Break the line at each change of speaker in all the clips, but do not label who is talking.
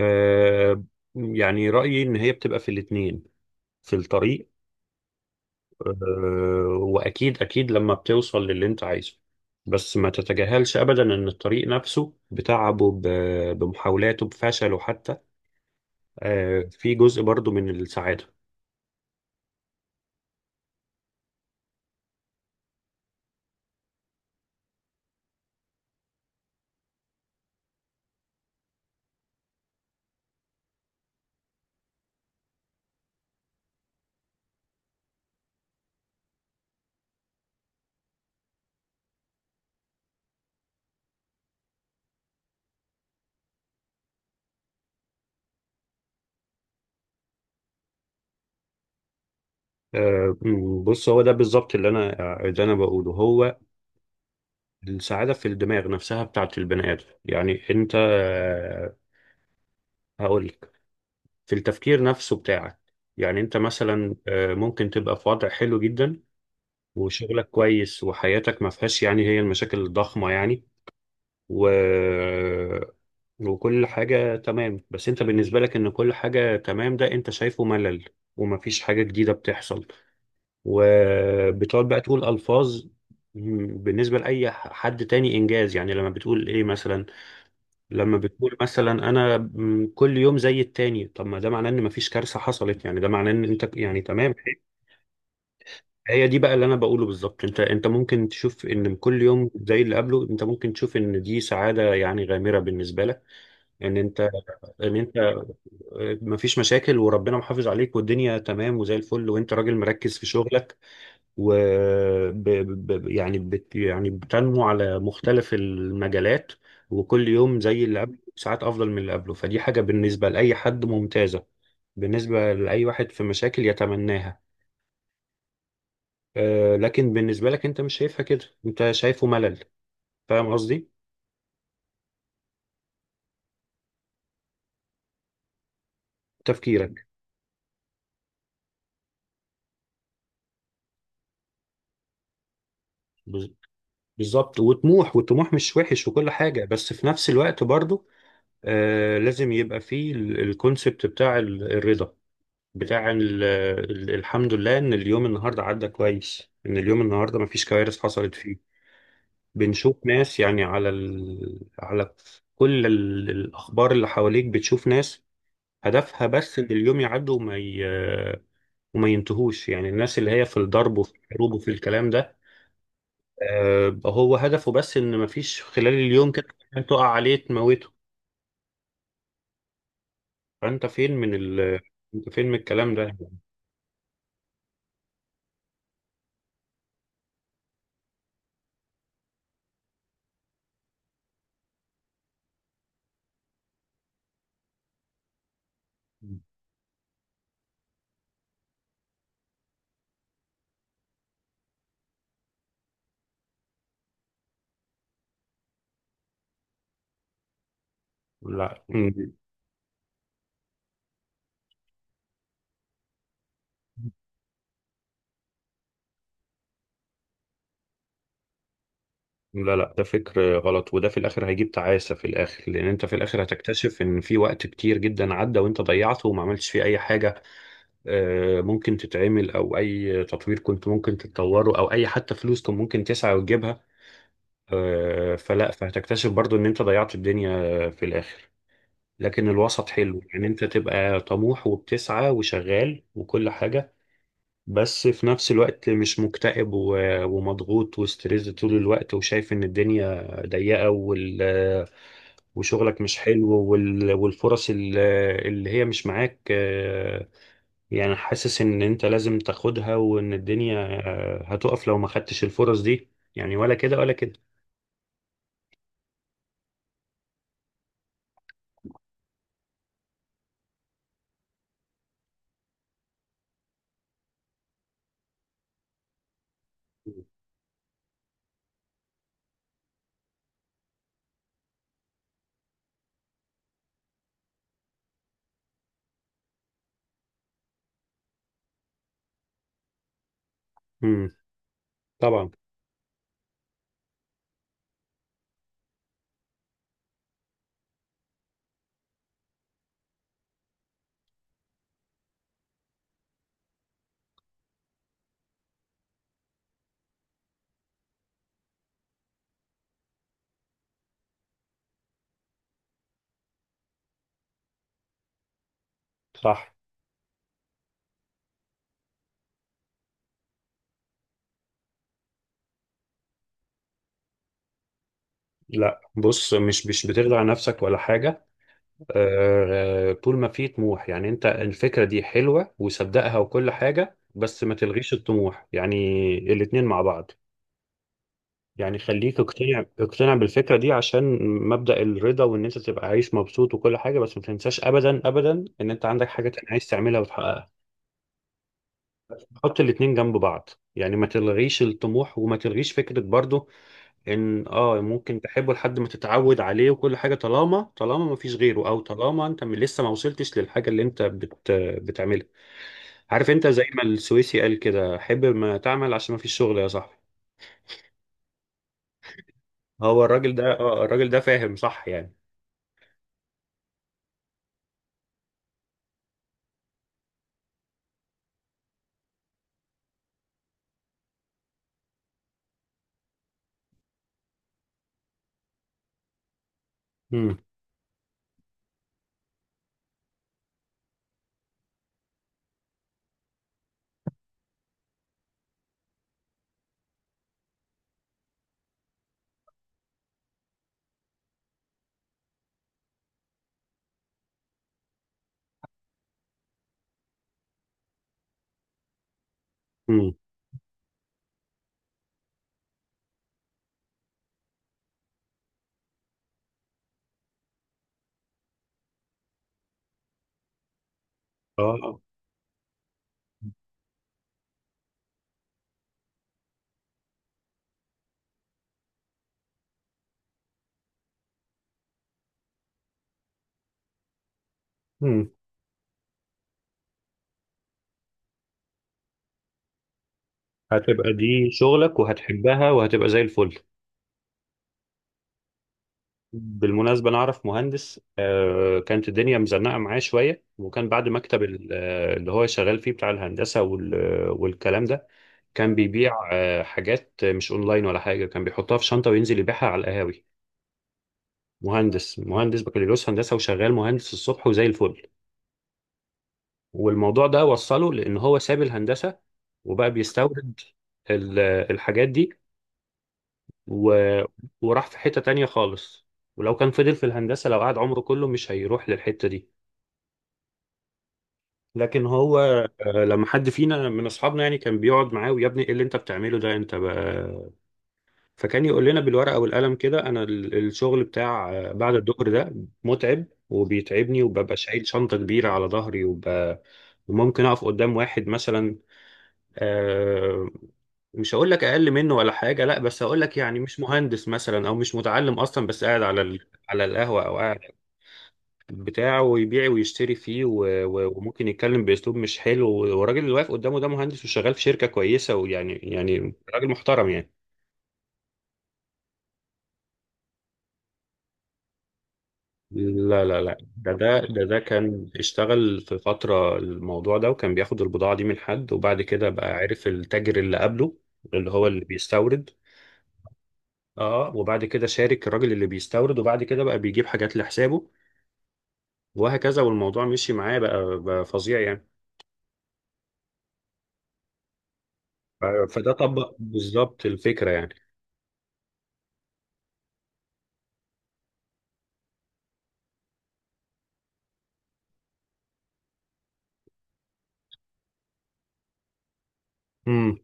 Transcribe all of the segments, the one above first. آه، يعني رأيي إن هي بتبقى في الاتنين في الطريق. آه، وأكيد أكيد لما بتوصل للي أنت عايزه، بس ما تتجاهلش أبدا إن الطريق نفسه بتعبه بمحاولاته بفشله حتى. آه، في جزء برضو من السعادة. آه، بص هو ده بالظبط اللي أنا بقوله. هو السعادة في الدماغ نفسها بتاعت البني آدم. يعني أنت هقولك في التفكير نفسه بتاعك. يعني أنت مثلا ممكن تبقى في وضع حلو جدا وشغلك كويس وحياتك ما فيهاش يعني هي المشاكل الضخمة يعني و... وكل حاجة تمام، بس انت بالنسبة لك ان كل حاجة تمام ده انت شايفه ملل ومفيش حاجة جديدة بتحصل، وبتقعد بقى تقول ألفاظ بالنسبة لأي حد تاني إنجاز. يعني لما بتقول إيه مثلا، لما بتقول مثلا أنا كل يوم زي التاني، طب ما ده معناه إن مفيش كارثة حصلت، يعني ده معناه إن أنت يعني تمام. هي دي بقى اللي انا بقوله بالظبط، انت ممكن تشوف ان كل يوم زي اللي قبله، انت ممكن تشوف ان دي سعاده يعني غامره بالنسبه لك، ان انت ان انت آه، مفيش مشاكل وربنا محافظ عليك والدنيا تمام وزي الفل وانت راجل مركز في شغلك و ب... ب... يعني بت... يعني بتنمو على مختلف المجالات، وكل يوم زي اللي قبله، ساعات افضل من اللي قبله، فدي حاجه بالنسبه لاي حد ممتازه، بالنسبه لاي واحد في مشاكل يتمناها. لكن بالنسبة لك انت مش شايفها كده، انت شايفه ملل. فاهم قصدي؟ تفكيرك. بز- بالظبط وطموح، والطموح مش وحش وكل حاجة، بس في نفس الوقت برضو لازم يبقى فيه الكونسبت بتاع الرضا، بتاع الحمد لله ان اليوم النهاردة عدى كويس، ان اليوم النهاردة مفيش كوارث حصلت فيه. بنشوف ناس يعني على كل الأخبار اللي حواليك، بتشوف ناس هدفها بس ان اليوم يعدي وما ينتهوش، يعني الناس اللي هي في الضرب وفي الحروب وفي الكلام ده. بقى هو هدفه بس ان مفيش خلال اليوم كده حاجة تقع عليه تموته. فانت فين من ال انت فين من الكلام ده؟ لا لا لا، ده فكر غلط، وده في الاخر هيجيب تعاسة. في الاخر لان انت في الاخر هتكتشف ان في وقت كتير جدا عدى وانت ضيعته وما عملتش فيه اي حاجة. آه، ممكن تتعمل او اي تطوير كنت ممكن تتطوره او اي حتى فلوس كنت ممكن تسعى وتجيبها. آه، فلا، فهتكتشف برضو ان انت ضيعت الدنيا في الاخر. لكن الوسط حلو، يعني انت تبقى طموح وبتسعى وشغال وكل حاجة، بس في نفس الوقت مش مكتئب ومضغوط وستريس طول الوقت، وشايف ان الدنيا ضيقة وشغلك مش حلو والفرص اللي هي مش معاك. يعني حاسس ان انت لازم تاخدها، وان الدنيا هتقف لو ما خدتش الفرص دي. يعني ولا كده ولا كده. مم. طبعا. صح. لا، بص، مش بتخدع نفسك ولا حاجة. طول ما في طموح، يعني انت الفكرة دي حلوة وصدقها وكل حاجة، بس ما تلغيش الطموح. يعني الاتنين مع بعض. يعني خليك اقتنع اقتنع بالفكرة دي عشان مبدأ الرضا، وان انت تبقى عايش مبسوط وكل حاجة، بس ما تنساش ابدا ابدا ان انت عندك حاجة تانية عايز تعملها وتحققها. حط الاتنين جنب بعض. يعني ما تلغيش الطموح، وما تلغيش فكرة برضو ان اه ممكن تحبه لحد ما تتعود عليه وكل حاجه، طالما ما فيش غيره او طالما انت لسه ما وصلتش للحاجه اللي انت بتعملها. عارف انت زي ما السويسي قال كده: حب ما تعمل عشان ما فيش شغل يا صاحبي. هو الراجل ده اه الراجل ده فاهم صح يعني. امم. امم. اه. امم. هتبقى دي شغلك وهتحبها وهتبقى زي الفل. بالمناسبة أنا أعرف مهندس كانت الدنيا مزنقة معاه شوية، وكان بعد مكتب اللي هو شغال فيه بتاع الهندسة والكلام ده، كان بيبيع حاجات مش اونلاين ولا حاجه، كان بيحطها في شنطه وينزل يبيعها على القهاوي. مهندس، مهندس بكالوريوس هندسه وشغال مهندس الصبح وزي الفل، والموضوع ده وصله لان هو ساب الهندسه وبقى بيستورد ال- الحاجات دي و... وراح في حته تانية خالص. ولو كان فضل في الهندسه لو قعد عمره كله مش هيروح للحته دي. لكن هو لما حد فينا من اصحابنا يعني كان بيقعد معاه، ويا ابني ايه اللي انت بتعمله ده انت بقى. فكان يقول لنا بالورقة والقلم كده: أنا الشغل بتاع بعد الظهر ده متعب وبيتعبني، وببقى شايل شنطة كبيرة على ظهري وممكن أقف قدام واحد مثلا، آه، مش هقول لك أقل منه ولا حاجة، لا، بس هقول لك يعني مش مهندس مثلا أو مش متعلم أصلا، بس قاعد على القهوة أو قاعد بتاعه ويبيع ويشتري فيه وممكن يتكلم بأسلوب مش حلو، والراجل اللي واقف قدامه ده مهندس وشغال في شركة كويسة، ويعني يعني راجل محترم يعني. لا لا لا، ده كان اشتغل في فترة الموضوع ده، وكان بياخد البضاعة دي من حد وبعد كده بقى عرف التاجر اللي قبله اللي هو اللي بيستورد. اه، وبعد كده شارك الراجل اللي بيستورد، وبعد كده بقى بيجيب حاجات لحسابه، وهكذا. والموضوع مشي معاه، بقى فظيع يعني. ف- فده طبق بالظبط الفكرة يعني. امم.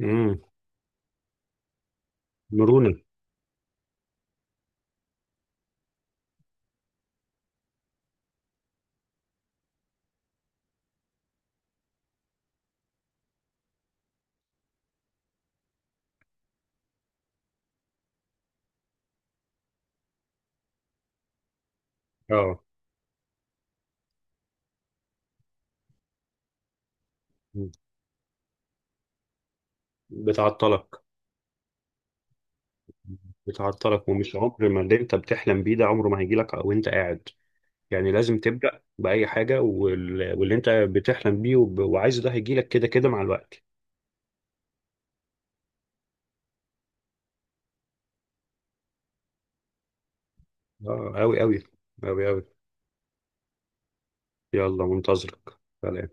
امم. مرونة. اه. مم. بتعطلك. بتعطلك، ومش عمر ما اللي انت بتحلم بيه ده عمره ما هيجي لك وانت قاعد. يعني لازم تبدأ بأي حاجة، واللي انت بتحلم بيه وعايزه ده هيجيلك كده كده مع الوقت. اه، أوي أوي أوي أوي. يلا منتظرك، سلام.